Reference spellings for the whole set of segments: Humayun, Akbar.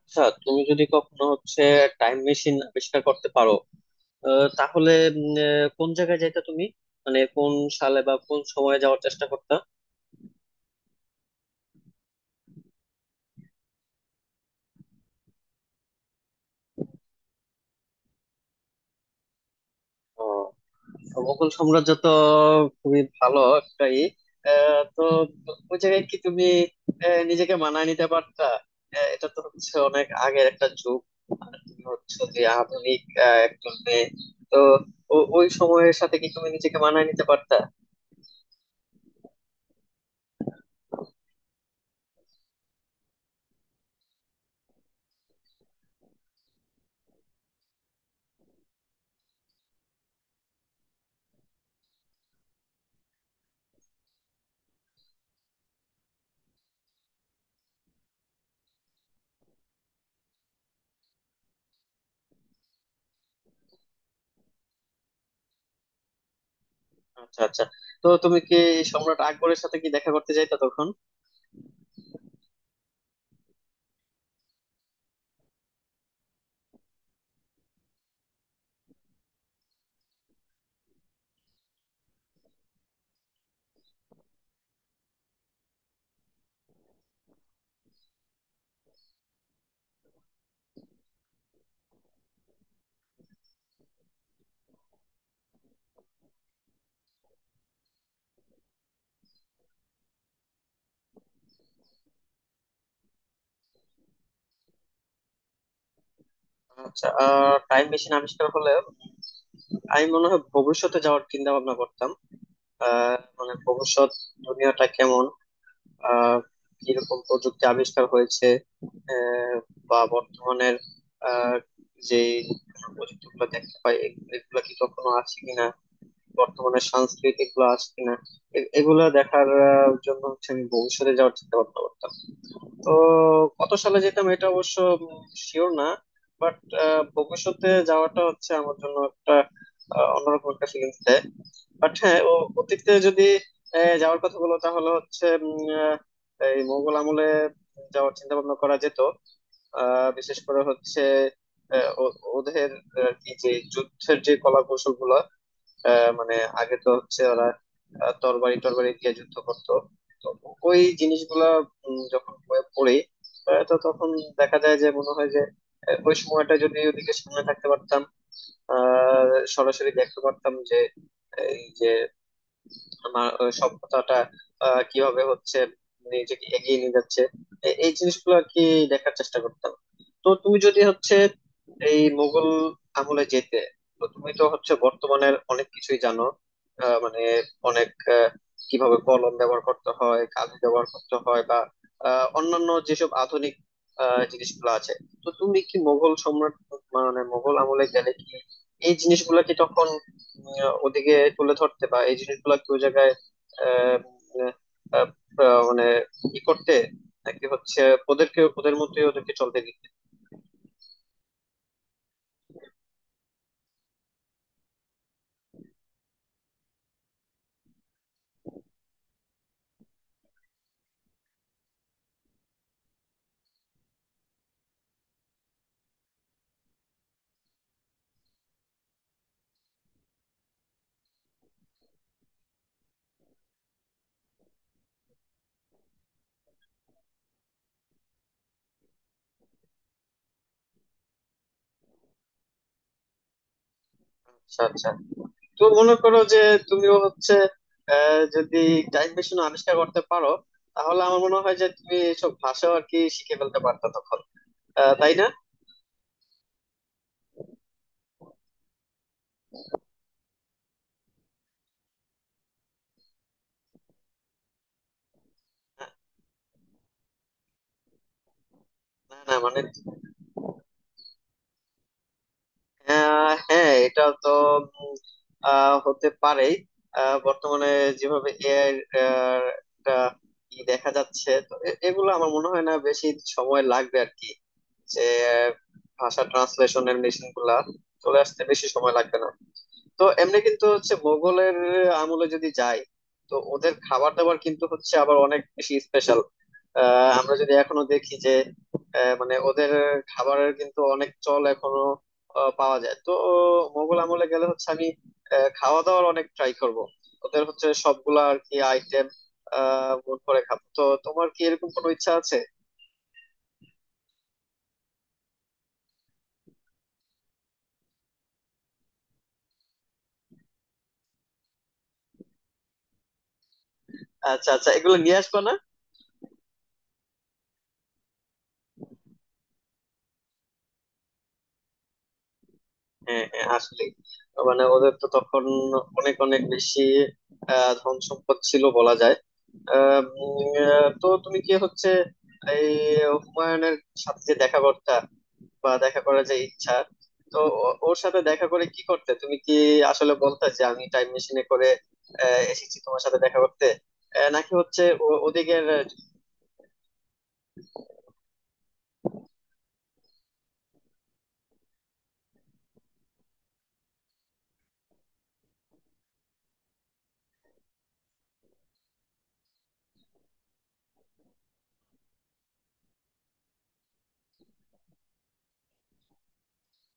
আচ্ছা, তুমি যদি কখনো হচ্ছে টাইম মেশিন আবিষ্কার করতে পারো, তাহলে কোন জায়গায় যাইতা তুমি? মানে কোন সালে বা কোন সময়ে যাওয়ার চেষ্টা করতা? আহ, মোগল সাম্রাজ্য তো খুবই ভালো একটাই। তো ওই জায়গায় কি তুমি নিজেকে মানায় নিতে পারতা? এটা তো হচ্ছে অনেক আগের একটা যুগ, আর তুমি হচ্ছে যে আধুনিক একজন মেয়ে। তো ওই সময়ের সাথে কি তুমি নিজেকে মানায় নিতে পারতা? আচ্ছা আচ্ছা, তো তুমি কি সম্রাট আকবরের সাথে কি দেখা করতে যাইতা তখন? আচ্ছা, টাইম মেশিন আবিষ্কার হলে আমি মনে হয় ভবিষ্যতে যাওয়ার চিন্তা ভাবনা করতাম। মানে ভবিষ্যৎ দুনিয়াটা কেমন, আহ কিরকম প্রযুক্তি আবিষ্কার হয়েছে, আহ, বা বর্তমানের আহ যে প্রযুক্তি গুলো দেখতে পাই এগুলা কি কখনো আছে কিনা, বর্তমানে সাংস্কৃতিক গুলো আছে কিনা, এগুলা দেখার জন্য হচ্ছে আমি ভবিষ্যতে যাওয়ার চিন্তা ভাবনা করতাম। তো কত সালে যেতাম এটা অবশ্য শিওর না, বাট ভবিষ্যতে যাওয়াটা হচ্ছে আমার জন্য একটা অন্যরকম একটা ফিলিংস দেয়। বাট হ্যাঁ, ও অতীতে যদি যাওয়ার কথা বলো তাহলে হচ্ছে এই মোগল আমলে যাওয়ার চিন্তা ভাবনা করা যেত। বিশেষ করে হচ্ছে ওদের আর কি যে যুদ্ধের যে কলা কৌশল গুলো, মানে আগে তো হচ্ছে ওরা তরবারি টরবারি দিয়ে যুদ্ধ করতো। তো ওই জিনিসগুলা যখন বইয়ে পড়ি, তো তখন দেখা যায় যে মনে হয় যে ওই সময়টা যদি ওদিকে সামনে থাকতে পারতাম, আহ সরাসরি দেখতে পারতাম যে এই যে আমার ওই সভ্যতাটা কিভাবে হচ্ছে নিজেকে এগিয়ে নিয়ে যাচ্ছে, এই জিনিসগুলো আর কি দেখার চেষ্টা করতাম। তো তুমি যদি হচ্ছে এই মুঘল আমলে যেতে, তো তুমি তো হচ্ছে বর্তমানের অনেক কিছুই জানো। মানে অনেক আহ, কিভাবে কলম ব্যবহার করতে হয়, কালি ব্যবহার করতে হয়, বা অন্যান্য যেসব আধুনিক জিনিসগুলো আছে। তো তুমি কি মোগল সম্রাট, মানে মোগল আমলে গেলে কি এই জিনিসগুলো কি তখন ওদিকে তুলে ধরতে, বা এই জিনিসগুলো কি ওই জায়গায় আহ, উম, আহ, আহ, মানে ই করতে, নাকি হচ্ছে ওদেরকে ওদের মতোই, ওদেরকে চলতে দিতে? আচ্ছা আচ্ছা, তো মনে করো যে তুমিও হচ্ছে যদি টাইম মেশিন আবিষ্কার করতে পারো, তাহলে আমার মনে হয় যে তুমি এইসব ভাষাও আর কি শিখে ফেলতে পারতো তখন, তাই না? না না, মানে হ্যাঁ, এটা তো উম, হতে পারেই। বর্তমানে যেভাবে এআই একটা ই দেখা যাচ্ছে, তো এগুলো আমার মনে হয় না বেশি সময় লাগবে আর কি, যে আহ, ভাষা ট্রান্সলেশনের মেশিন গুলা চলে আসতে বেশি সময় লাগবে না। তো এমনি কিন্তু হচ্ছে মোগলের আমলে যদি যাই, তো ওদের খাবার দাবার কিন্তু হচ্ছে আবার অনেক বেশি স্পেশাল। আমরা যদি এখনো দেখি যে মানে ওদের খাবারের কিন্তু অনেক চল এখনো পাওয়া যায়। তো মোগল আমলে গেলে হচ্ছে আমি খাওয়া দাওয়ার অনেক ট্রাই করব। ওদের হচ্ছে সবগুলা আর কি আইটেম গুণ করে খাবো। তো তোমার কি এরকম কোনো ইচ্ছা আছে? আচ্ছা আচ্ছা, এগুলো নিয়ে আসবা না? হ্যাঁ হ্যাঁ, আসলে মানে ওদের তো তখন অনেক অনেক বেশি ধন সম্পদ ছিল বলা যায়। আহ, উম, তো তুমি কি হচ্ছে এই হুমায়ুনের সাথে যে দেখা করতা, বা দেখা করার যে ইচ্ছা, তো ওর সাথে দেখা করে কি করতে? তুমি কি আসলে বলতে যে আমি টাইম মেশিনে করে এসেছি তোমার সাথে দেখা করতে, নাকি হচ্ছে ওদিকের?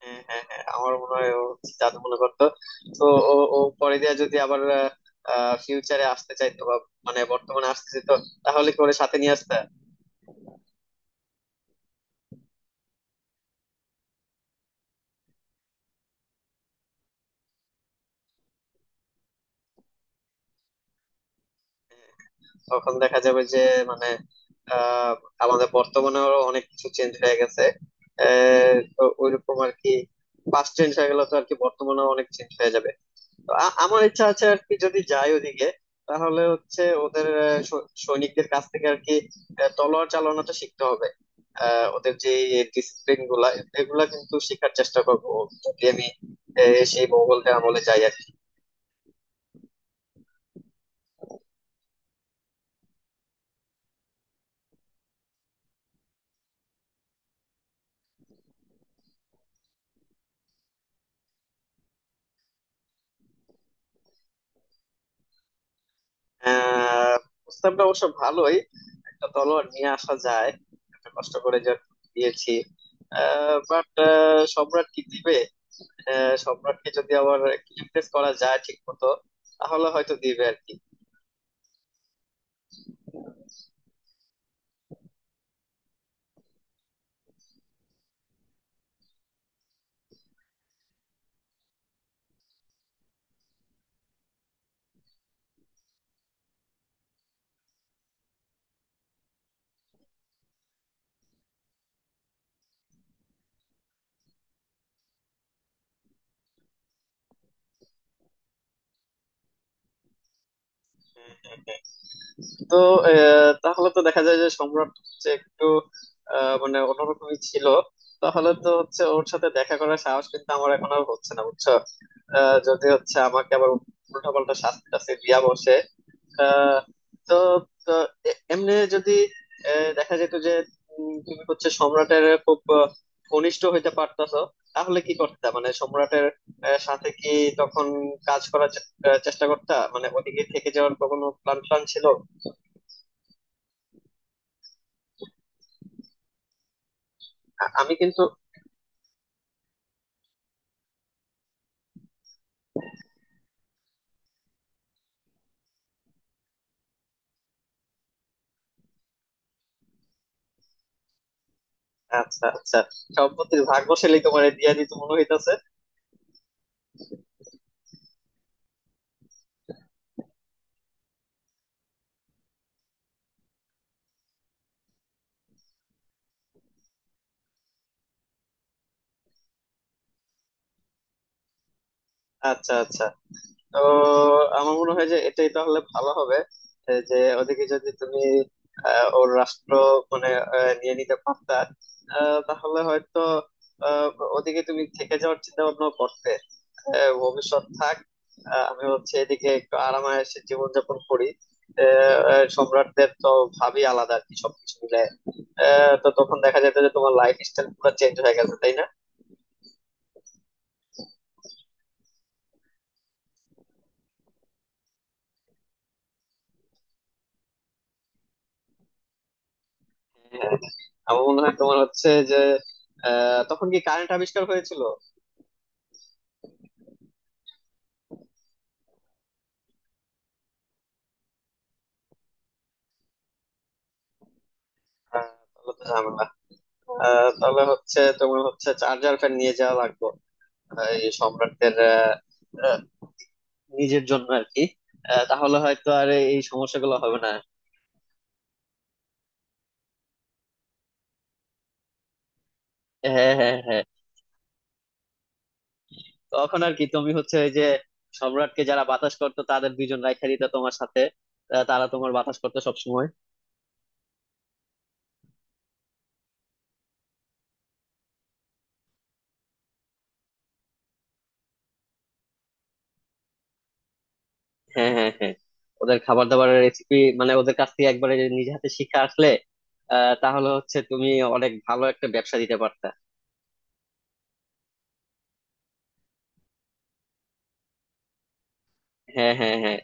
হ্যাঁ হ্যাঁ হ্যাঁ, আমার মনে হয় ও জাদু মনে করতো। তো ও ও পরে দিয়ে যদি আবার ফিউচারে আসতে চাইতো, বা মানে বর্তমানে আসতে চাইতো, তাহলে কি ওরে সাথে নিয়ে আসতে? তখন দেখা যাবে যে মানে আহ আমাদের বর্তমানেও অনেক কিছু চেঞ্জ হয়ে গেছে। তো ওইরকম আর কি, পাস্ট চেঞ্জ হয়ে গেলে তো আর কি বর্তমানেও অনেক চেঞ্জ হয়ে যাবে। তো আমার ইচ্ছা আছে আর কি, যদি যাই ওদিকে, তাহলে হচ্ছে ওদের সৈনিকদের কাছ থেকে আর কি তলোয়ার চালানোটা শিখতে হবে। ওদের যে ডিসিপ্লিন গুলা, এগুলা কিন্তু শেখার চেষ্টা করবো যদি আমি সেই মোগলদের আমলে যাই আর কি। আহ প্রস্তাবটা অবশ্য ভালোই, একটা তলোয়ার নিয়ে আসা যায়। একটা কষ্ট করে যা দিয়েছি, বাট সম্রাট কি দিবে? সম্রাটকে যদি আবার ইমপ্রেস করা যায় ঠিক মতো, তাহলে হয়তো দিবে আর কি। তো তাহলে তো দেখা যায় যে সম্রাট হচ্ছে একটু মানে অন্যরকমই ছিল। তাহলে তো হচ্ছে ওর সাথে দেখা করার সাহস কিন্তু আমার এখন আর হচ্ছে না, বুঝছো? যদি হচ্ছে আমাকে আবার উল্টা পাল্টা শাস্তি টাস্তি দিয়া বসে আহ, তো, তো এমনি যদি দেখা যেত যে তুমি হচ্ছে সম্রাটের খুব ঘনিষ্ঠ হইতে পারতাছো, তাহলে কি করতে? মানে সম্রাটের সাথে কি তখন কাজ করার চেষ্টা করতা? মানে ওদিকে থেকে যাওয়ার কোনো প্ল্যান প্ল্যান ছিল? আমি কিন্তু আচ্ছা আচ্ছা, সম্পত্তির ভাগ বসালেই তোমার দিয়া দিত মনে হইতাছে। আচ্ছা আচ্ছা, তো আমার মনে হয় যে এটাই তাহলে ভালো হবে। এ যে ওদিকে যদি তুমি ওর রাষ্ট্র মানে নিয়ে নিতে পারতা, তাহলে হয়তো আহ, ওদিকে তুমি থেকে যাওয়ার চিন্তা ভাবনা করতে। ভবিষ্যৎ থাক, আমি হচ্ছে এদিকে একটু আরামায়েশে জীবনযাপন করি। আহ, আহ, সম্রাটদের তো ভাবই আলাদা আর কি সবকিছু মিলে। তো তখন দেখা যেত যে তোমার লাইফ স্টাইল পুরো চেঞ্জ হয়ে গেছে, তাই না? হ্যাঁ, আমার মনে হয় তোমার হচ্ছে যে তখন কি কারেন্ট আবিষ্কার হয়েছিল? আহ, তাহলে তো ঝামেলা। তাহলে হচ্ছে তোমার হচ্ছে চার্জার ফ্যান নিয়ে যাওয়া লাগবে, এই সম্রাটদের আহ, আহ, নিজের জন্য আর কি। তাহলে হয়তো আর এই সমস্যাগুলো হবে না। হ্যাঁ হ্যাঁ হ্যাঁ, তখন আর কি তুমি হচ্ছে ওই যে সম্রাটকে যারা বাতাস করতো তাদের 2 জন রাইখা দিতা তোমার সাথে, তারা তোমার বাতাস করতো সবসময়। হ্যাঁ হ্যাঁ হ্যাঁ, ওদের খাবার দাবারের রেসিপি মানে ওদের কাছ থেকে একবারে যদি নিজে হাতে শিখে আসলে, তাহলে হচ্ছে তুমি অনেক ভালো একটা ব্যবসা দিতে পারতা। হ্যাঁ হ্যাঁ হ্যাঁ।